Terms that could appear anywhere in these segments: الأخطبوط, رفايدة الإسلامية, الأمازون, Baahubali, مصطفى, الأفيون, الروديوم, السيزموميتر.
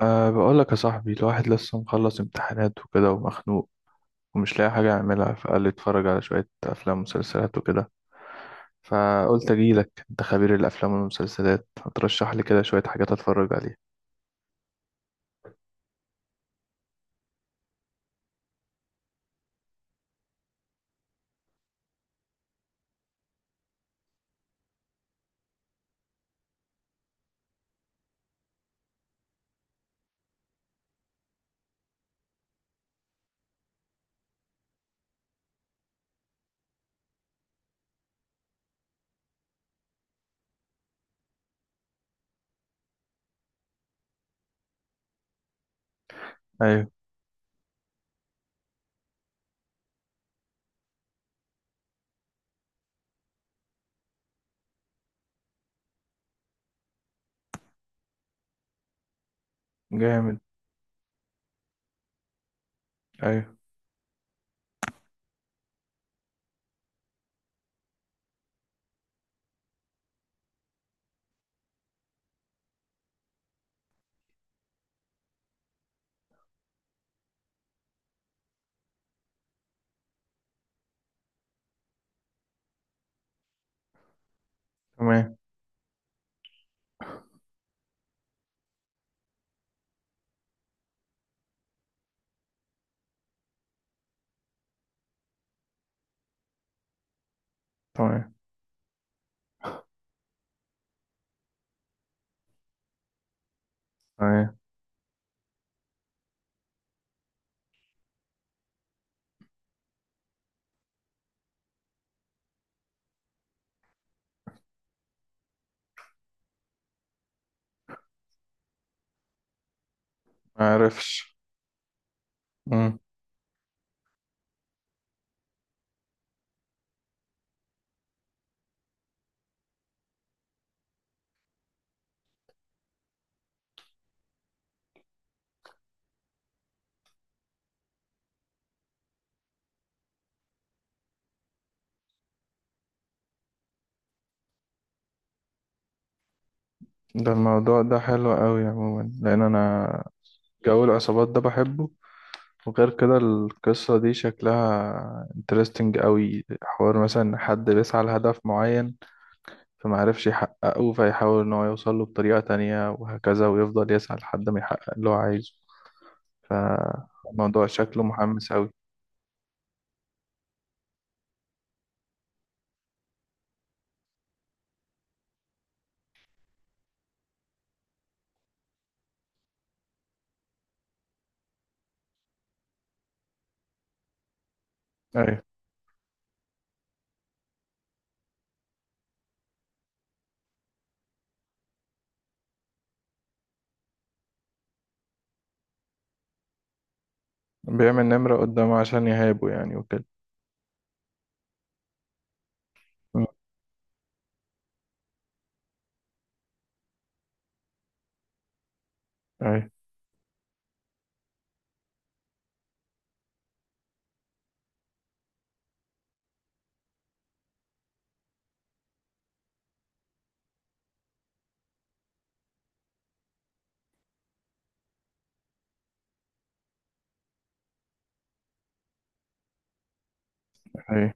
بقول لك يا صاحبي، الواحد لسه مخلص امتحانات وكده ومخنوق ومش لاقي حاجة أعملها. فقال لي اتفرج على شوية أفلام ومسلسلات وكده. فقلت أجيلك، أنت خبير الأفلام والمسلسلات، هترشح لي كده شوية حاجات أتفرج عليها. أيوة. جامد. أيوة. تمام تمام تمام. معرفش. مم. ده الموضوع ده حلو أوي عموما، لأن أنا جو العصابات ده بحبه. وغير كده القصة دي شكلها انترستنج أوي. حوار مثلا حد بيسعى لهدف معين فما عرفش يحققه، فيحاول إن هو يوصل له بطريقة تانية وهكذا، ويفضل يسعى لحد ما يحقق اللي هو عايزه. فالموضوع شكله محمس أوي. أيوة. بيعمل نمرة قدامه عشان يهابه يعني وكده. مم. أيوة. أيوة.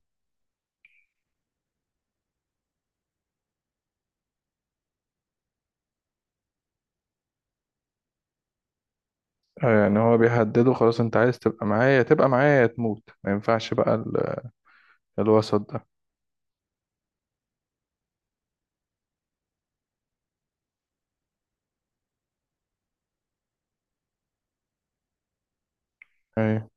أيوة، يعني هو بيهدده خلاص. أنت عايز تبقى معايا تبقى معايا يا تموت، ما ينفعش بقى الوسط ده. أيوة.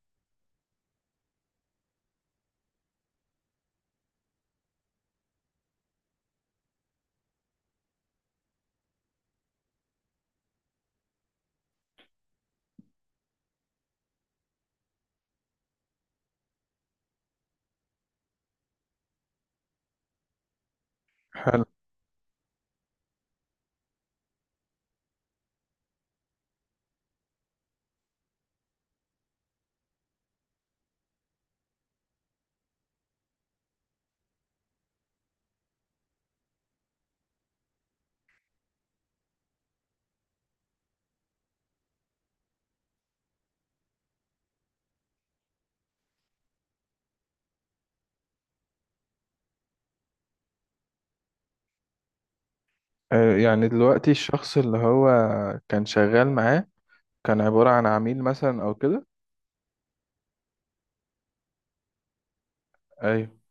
حلو. أيوة، يعني دلوقتي الشخص اللي هو كان شغال معاه كان عبارة عن عميل مثلا أو كده. أيوة.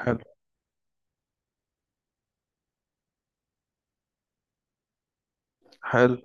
حلو. حلو.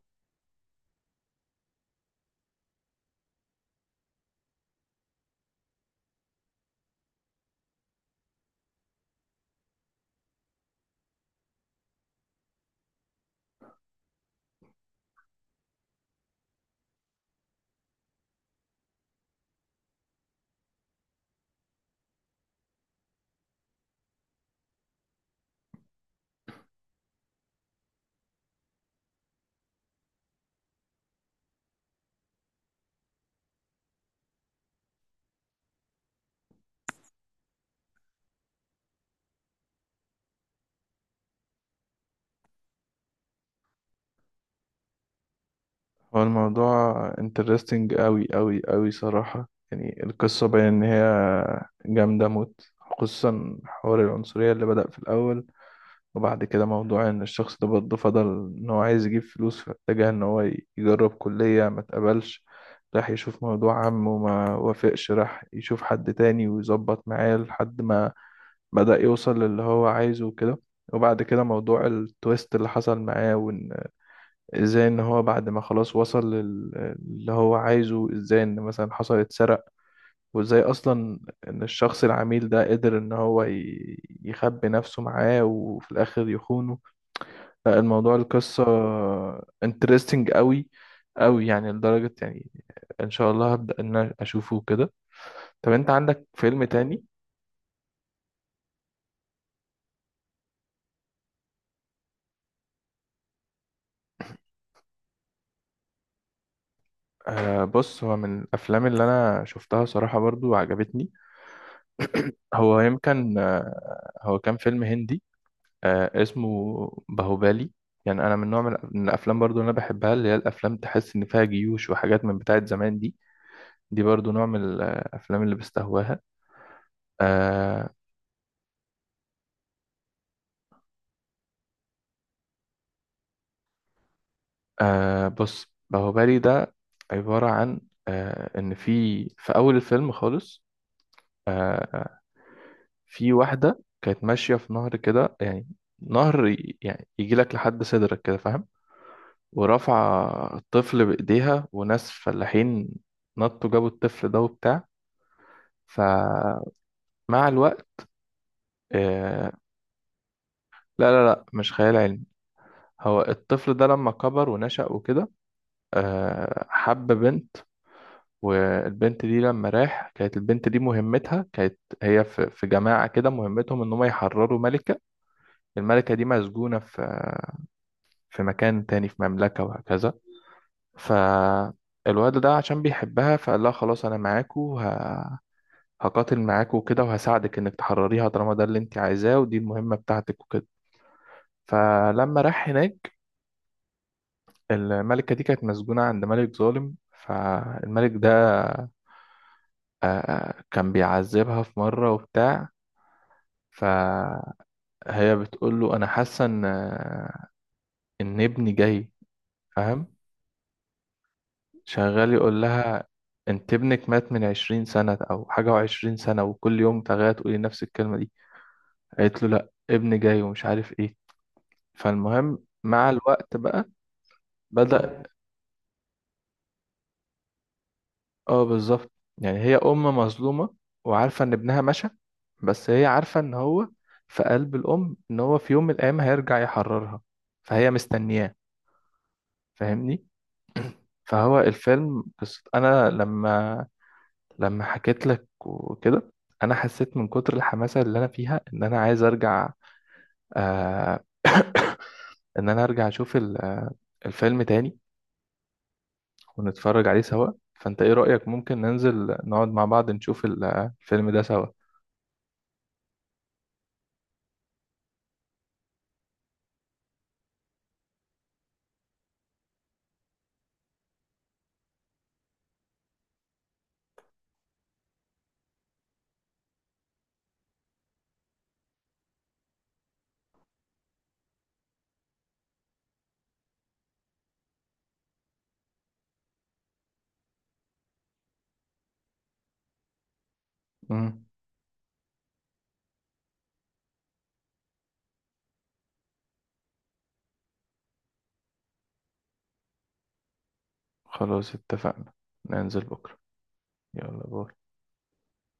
هو الموضوع انترستنج قوي قوي قوي صراحة. يعني القصة باين ان هي جامدة موت، خصوصا حوار العنصرية اللي بدأ في الأول. وبعد كده موضوع ان الشخص ده برضه فضل ان هو عايز يجيب فلوس، فاتجه ان هو يجرب كلية ما اتقبلش، راح يشوف موضوع عمه وما وافقش، راح يشوف حد تاني ويظبط معاه لحد ما بدأ يوصل للي هو عايزه وكده. وبعد كده موضوع التويست اللي حصل معاه، ازاي ان هو بعد ما خلاص وصل اللي هو عايزه، ازاي ان مثلا حصل اتسرق، وازاي اصلا ان الشخص العميل ده قدر ان هو يخبي نفسه معاه وفي الاخر يخونه. لا، الموضوع القصة انترستنج قوي قوي، يعني لدرجة يعني ان شاء الله هبدأ ان أنا اشوفه كده. طب انت عندك فيلم تاني؟ بص، هو من الافلام اللي انا شفتها صراحة برضو عجبتني. هو يمكن، هو كان فيلم هندي، اسمه باهوبالي. يعني انا من نوع من الافلام برضو اللي انا بحبها، اللي هي الافلام تحس ان فيها جيوش وحاجات من بتاعه زمان دي. دي برضو نوع من الافلام اللي بستهواها. آه بص، باهوبالي ده عباره عن ان في، اول الفيلم خالص، آه في واحده كانت ماشيه في نهر كده يعني، نهر يعني يجي لك لحد صدرك كده فاهم. ورافعه الطفل بايديها، وناس فلاحين نطوا جابوا الطفل ده وبتاع. فمع الوقت آه لا لا لا، مش خيال علمي. هو الطفل ده لما كبر ونشأ وكده حب بنت. والبنت دي لما راح كانت البنت دي مهمتها، كانت هي في جماعة كده مهمتهم ان هم يحرروا ملكة. الملكة دي مسجونة في مكان تاني في مملكة وهكذا. فالواد ده عشان بيحبها فقال لها خلاص انا معاكو هقاتل معاكو وكده، وهساعدك انك تحرريها طالما ده اللي انت عايزاه ودي المهمة بتاعتك وكده. فلما راح هناك الملكة دي كانت مسجونة عند ملك ظالم. فالملك ده كان بيعذبها في مرة وبتاع. فهي بتقول له أنا حاسة إن إن ابني جاي فاهم. شغال يقول لها أنت ابنك مات من 20 سنة أو حاجة، وعشرين سنة وكل يوم تغير تقولي نفس الكلمة دي. قالت له لأ، ابني جاي ومش عارف إيه. فالمهم مع الوقت بقى بدأ. اه، بالظبط. يعني هي ام مظلومه وعارفه ان ابنها مشى، بس هي عارفه ان هو في قلب الام ان هو في يوم من الايام هيرجع يحررها، فهي مستنياه فاهمني. فهو الفيلم، بس انا لما حكيت لك وكده انا حسيت من كتر الحماسه اللي انا فيها ان انا عايز ارجع، آه ان انا ارجع اشوف الفيلم تاني ونتفرج عليه سوا. فانت ايه رايك؟ ممكن ننزل نقعد مع بعض نشوف الفيلم ده سوا. مم. خلاص اتفقنا، ننزل بكرة. يلا باي.